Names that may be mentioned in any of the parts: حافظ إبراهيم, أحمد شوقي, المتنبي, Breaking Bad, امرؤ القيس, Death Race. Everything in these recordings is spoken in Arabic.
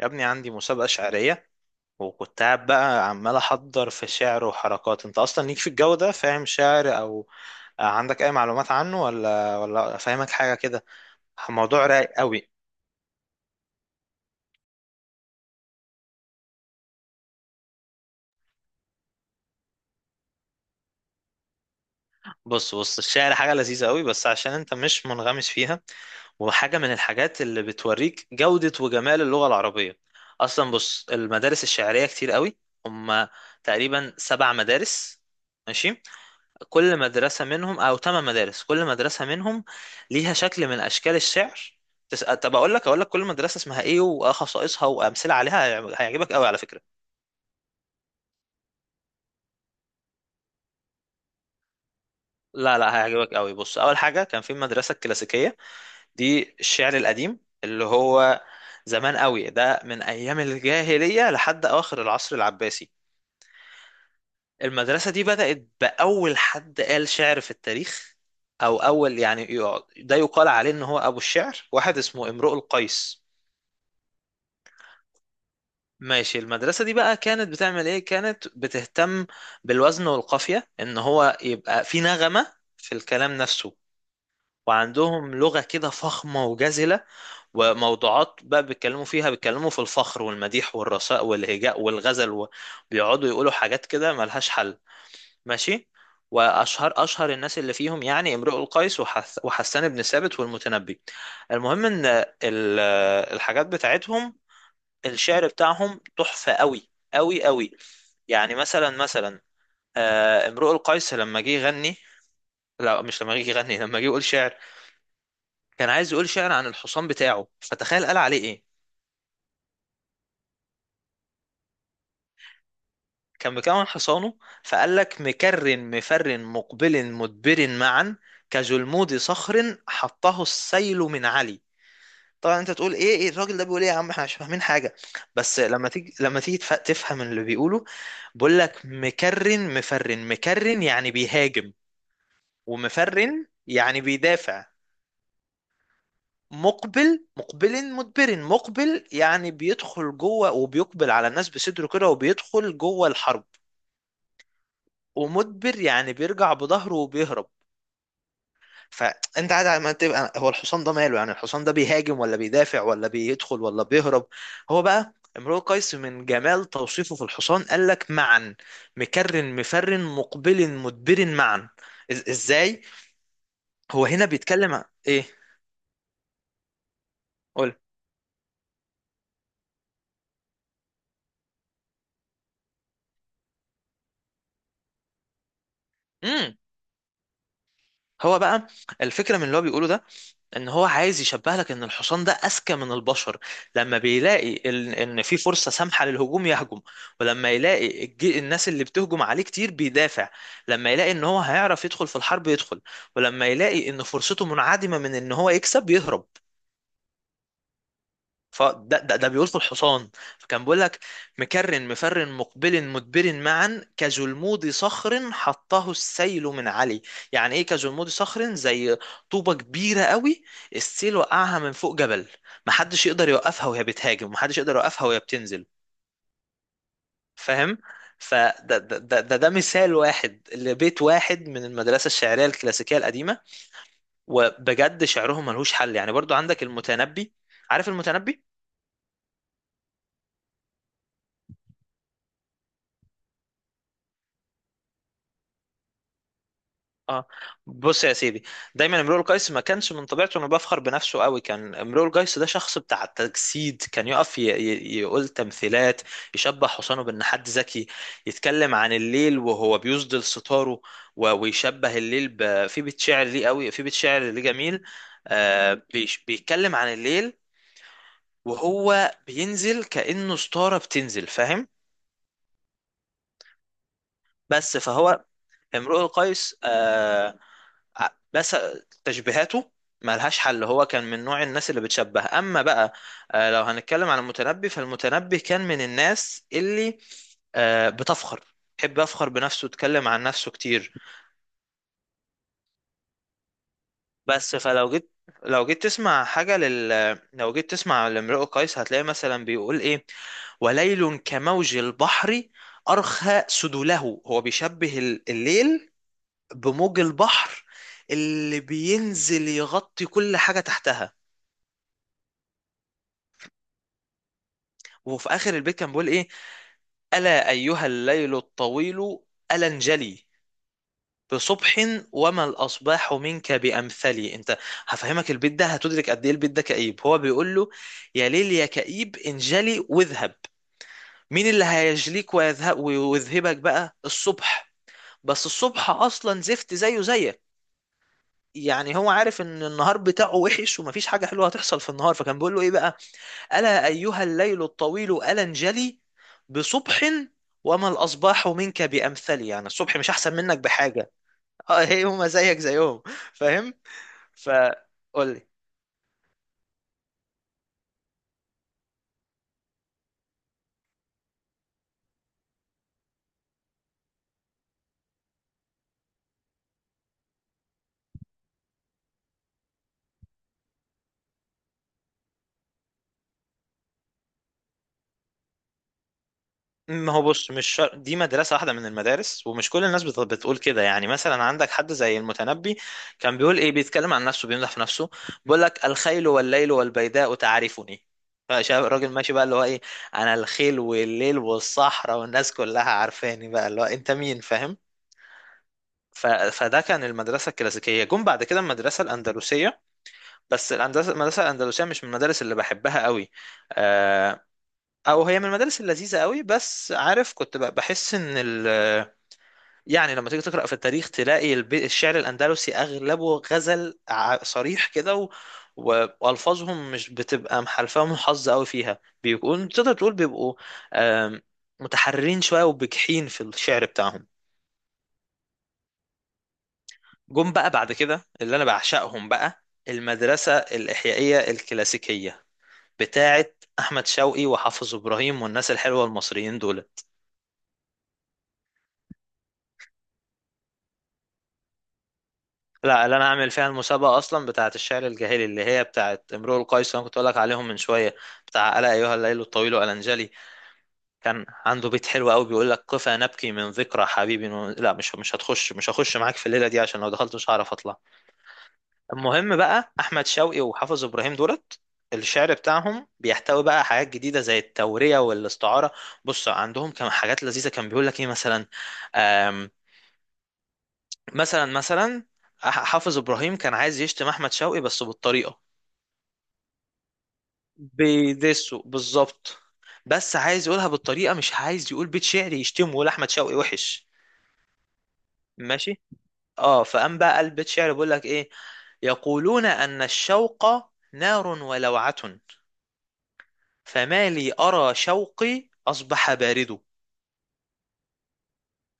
يا ابني، عندي مسابقة شعرية، وكنت قاعد بقى عمال أحضر في شعر وحركات. أنت أصلا ليك في الجو ده، فاهم شعر أو عندك أي معلومات عنه، ولا فاهمك حاجة كده؟ موضوع رايق قوي. بص بص، الشعر حاجة لذيذة قوي، بس عشان أنت مش منغمس فيها. وحاجة من الحاجات اللي بتوريك جودة وجمال اللغة العربية. أصلا بص، المدارس الشعرية كتير قوي. هما تقريبا سبع مدارس. ماشي. كل مدرسة منهم، أو ثمان مدارس، كل مدرسة منهم ليها شكل من أشكال الشعر. طب أقول لك كل مدرسة اسمها إيه وخصائصها وأمثلة عليها. هيعجبك قوي على فكرة. لا لا، هيعجبك قوي. بص، أول حاجة كان في المدرسة الكلاسيكية. دي الشعر القديم اللي هو زمان قوي، ده من أيام الجاهلية لحد أواخر العصر العباسي. المدرسة دي بدأت بأول حد قال شعر في التاريخ، أو أول يعني ده يقال عليه إن هو أبو الشعر، واحد اسمه امرؤ القيس. ماشي. المدرسة دي بقى كانت بتعمل ايه؟ كانت بتهتم بالوزن والقافية، ان هو يبقى في نغمة في الكلام نفسه. وعندهم لغة كده فخمة وجزلة. وموضوعات بقى بيتكلموا فيها، بيتكلموا في الفخر والمديح والرثاء والهجاء والغزل، وبيقعدوا يقولوا حاجات كده ملهاش حل. ماشي. واشهر الناس اللي فيهم يعني امرؤ القيس وحسان بن ثابت والمتنبي. المهم ان الحاجات بتاعتهم، الشعر بتاعهم تحفة قوي قوي قوي. يعني مثلا مثلا، امرؤ القيس لما جه يغني، لا مش لما جه يغني، لما جه يقول شعر. كان عايز يقول شعر عن الحصان بتاعه، فتخيل قال عليه ايه. كان مكون حصانه، فقال لك: مكر مفر مقبل مدبر معا، كجلمود صخر حطه السيل من علي. طبعا انت تقول ايه، ايه الراجل ده بيقول ايه، يا عم احنا مش فاهمين حاجه. بس لما تيجي تفهم اللي بيقوله. بقول لك: مكرن مفرن مكرن، يعني بيهاجم. ومفرن يعني بيدافع. مقبل مقبل مدبر، مقبل يعني بيدخل جوه وبيقبل على الناس بصدره كده وبيدخل جوه الحرب. ومدبر يعني بيرجع بظهره وبيهرب. فانت قاعد على ما تبقى هو الحصان ده ماله، يعني الحصان ده بيهاجم ولا بيدافع ولا بيدخل ولا بيهرب؟ هو بقى امرؤ قيس من جمال توصيفه في الحصان قال لك معا، مكرن مفرن مقبل مدبر معا. ازاي هو هنا بيتكلم ايه. قول. هو بقى، الفكرة من اللي هو بيقوله ده ان هو عايز يشبه لك ان الحصان ده اذكى من البشر. لما بيلاقي ان في فرصة سامحة للهجوم يهجم، ولما يلاقي الناس اللي بتهجم عليه كتير بيدافع. لما يلاقي ان هو هيعرف يدخل في الحرب يدخل، ولما يلاقي ان فرصته منعدمة من ان هو يكسب يهرب. فده ده بيقول في الحصان. فكان بيقول لك: مكرن مفرن مقبل مدبر معا، كجلمود صخر حطه السيل من علي. يعني ايه كجلمود صخر؟ زي طوبة كبيرة قوي، السيل وقعها من فوق جبل، محدش يقدر يوقفها وهي بتهاجم، محدش يقدر يوقفها وهي بتنزل. فاهم. فده ده مثال واحد لبيت واحد من المدرسة الشعرية الكلاسيكية القديمة. وبجد شعرهم ملهوش حل. يعني برضو عندك المتنبي، عارف المتنبي. اه، بص يا سيدي، دايما امرؤ القيس ما كانش من طبيعته انه بيفخر بنفسه قوي. كان امرؤ القيس ده شخص بتاع التجسيد، كان يقف يقول تمثيلات، يشبه حسانه بان حد ذكي، يتكلم عن الليل وهو بيسدل ستاره، ويشبه الليل في بيت شعر ليه قوي، في بيت شعر ليه جميل. بيتكلم عن الليل وهو بينزل كأنه ستارة بتنزل. فاهم. بس فهو، امرؤ القيس، بس تشبيهاته ملهاش حل، هو كان من نوع الناس اللي بتشبه. اما بقى لو هنتكلم عن المتنبي، فالمتنبي كان من الناس اللي بتفخر، يحب يفخر بنفسه، يتكلم عن نفسه كتير. بس فلو جيت، لو جيت تسمع لامرؤ قيس، هتلاقي مثلا بيقول ايه: وليل كموج البحر أرخى سدوله. هو بيشبه الليل بموج البحر اللي بينزل يغطي كل حاجة تحتها. وفي اخر البيت كان بيقول ايه: الا ايها الليل الطويل الا انجلي بصبح، وما الاصباح منك بامثلي. انت هفهمك البيت ده هتدرك قد ايه البيت ده كئيب. هو بيقول له: يا ليل يا كئيب انجلي واذهب. مين اللي هيجليك ويذهب ويذهبك بقى؟ الصبح. بس الصبح اصلا زفت زيه زيك، يعني هو عارف ان النهار بتاعه وحش ومفيش حاجه حلوه هتحصل في النهار. فكان بيقول له ايه بقى: ألا أيها الليل الطويل ألا انجلي بصبح، وما الأصباح منك بأمثلي. يعني الصبح مش أحسن منك بحاجة. اه، هي هما زيك زيهم. فاهم. فقول لي. ما هو بص، مش شر... دي مدرسة واحدة من المدارس، ومش كل الناس بتقول كده. يعني مثلا عندك حد زي المتنبي، كان بيقول ايه، بيتكلم عن نفسه، بيمدح في نفسه، بيقول لك: الخيل والليل والبيداء تعرفني. فشاف الراجل ماشي بقى اللي هو ايه، انا الخيل والليل والصحراء والناس كلها عارفاني، بقى اللي هو انت مين. فاهم. فده كان المدرسة الكلاسيكية. جم بعد كده المدرسة الأندلسية، بس الأندلسة، المدرسة الأندلسية مش من المدارس اللي بحبها قوي. آه، أو هي من المدارس اللذيذة قوي، بس عارف كنت بحس إن يعني لما تيجي تقرأ في التاريخ تلاقي الشعر الأندلسي أغلبه غزل صريح كده، وألفاظهم مش بتبقى محلفاهم حظ قوي فيها، بيكون تقدر تقول بيبقوا آم، متحررين شوية وبجحين في الشعر بتاعهم. جم بقى بعد كده اللي انا بعشقهم، بقى المدرسة الإحيائية الكلاسيكية بتاعة أحمد شوقي وحافظ إبراهيم والناس الحلوة المصريين دول. لا، اللي انا هعمل فيها المسابقة اصلا بتاعة الشعر الجاهلي، اللي هي بتاعة امرؤ القيس اللي انا كنت اقول لك عليهم من شوية، بتاع ألا ايها الليل الطويل ألنجلي. كان عنده بيت حلو قوي بيقول لك: قفا نبكي من ذكرى حبيبي لا، مش هخش معاك في الليلة دي، عشان لو دخلت مش هعرف اطلع. المهم بقى احمد شوقي وحافظ ابراهيم دولت، الشعر بتاعهم بيحتوي بقى حاجات جديده زي التوريه والاستعاره. بص عندهم كان حاجات لذيذه، كان بيقول لك ايه مثلا، آم، مثلا مثلا، حافظ ابراهيم كان عايز يشتم احمد شوقي بس بالطريقه، بيدسه بالظبط، بس عايز يقولها بالطريقه، مش عايز يقول بيت شعر يشتمه يقول احمد شوقي وحش. ماشي. اه، فقام بقى قال بيت شعر بيقول لك ايه: يقولون ان الشوق نار ولوعه، فما لي أرى شوقي أصبح بارده.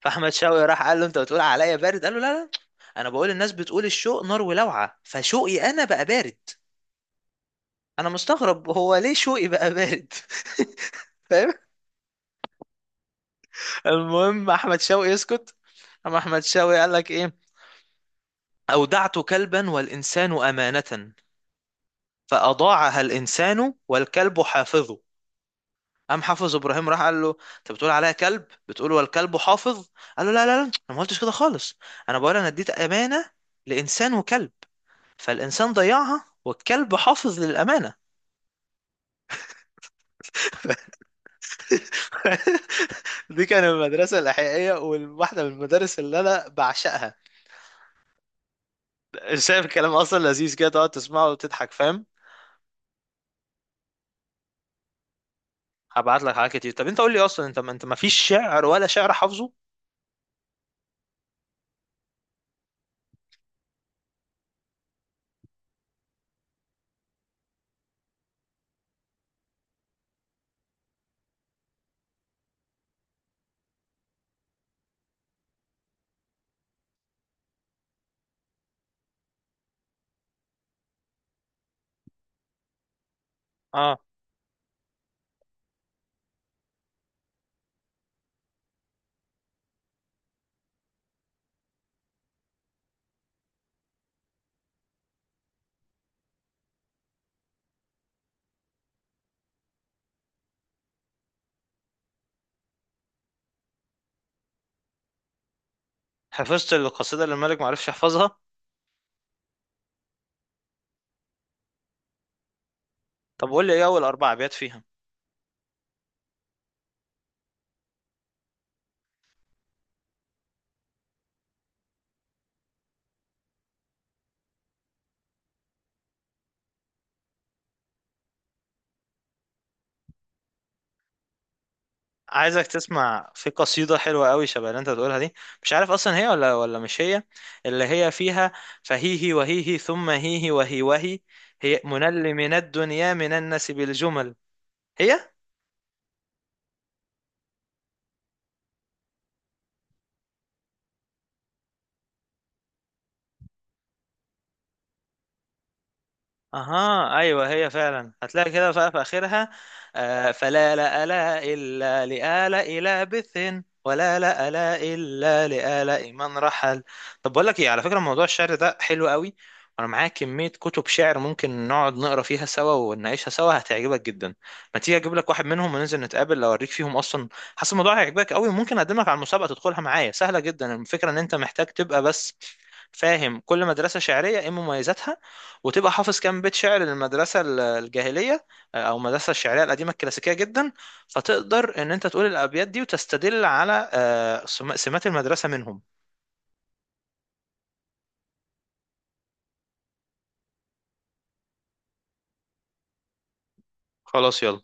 فأحمد شوقي راح قال له: أنت بتقول عليا بارد؟ قال له: لا لا، أنا بقول الناس بتقول الشوق نار ولوعة، فشوقي أنا بقى بارد، أنا مستغرب هو ليه شوقي بقى بارد. فاهم. المهم أحمد شوقي يسكت. أما أحمد شوقي قال لك إيه: أودعت كلبا والإنسان أمانة، فأضاعها الإنسان والكلب حافظ. قام حافظ ابراهيم راح قال له: انت بتقول عليا كلب، بتقول والكلب حافظ؟ قال له: لا لا لا، انا ما قلتش كده خالص، انا بقول انا اديت امانه لانسان وكلب، فالانسان ضيعها والكلب حافظ للامانه. دي كانت المدرسة الإحيائية، وواحدة من المدارس اللي أنا بعشقها. شايف الكلام أصلا لذيذ كده، تقعد تسمعه وتضحك. فاهم. هبعت لك حاجات كتير. طب أنت قول لي أصلا، أنت ما أنت ما فيش شعر، ولا شعر حافظه؟ اه، حفظت القصيدة اللي الملك ما عرفش يحفظها؟ طب قول لي إيه أول أربع أبيات فيها. عايزك تسمع في قصيدة حلوة قوي شبه اللي انت بتقولها دي، مش عارف اصلا هي ولا مش هي، اللي هي فيها: فهيهي وهيهي ثم هيهي وهي وهي، هي منل من الدنيا من الناس بالجمل هي. اها، ايوه هي فعلا، هتلاقي كده بقى في اخرها: فلا لا لا الا لآلاء لابث، ولا لا لا الا لآلاء من رحل. طب بقول لك ايه، على فكره موضوع الشعر ده حلو قوي، وانا معايا كميه كتب شعر ممكن نقعد نقرا فيها سوا ونعيشها سوا، هتعجبك جدا. ما تيجي اجيب لك واحد منهم وننزل نتقابل اوريك فيهم اصلا. حاسس الموضوع هيعجبك قوي، ممكن اقدمك على المسابقه تدخلها معايا، سهله جدا، الفكره ان انت محتاج تبقى بس فاهم كل مدرسه شعريه ايه مميزاتها، وتبقى حافظ كام بيت شعر للمدرسة الجاهلية، أو المدرسة الشعرية القديمة الكلاسيكية جدا، فتقدر إن أنت تقول الأبيات دي وتستدل على سمات المدرسة منهم. خلاص يلا.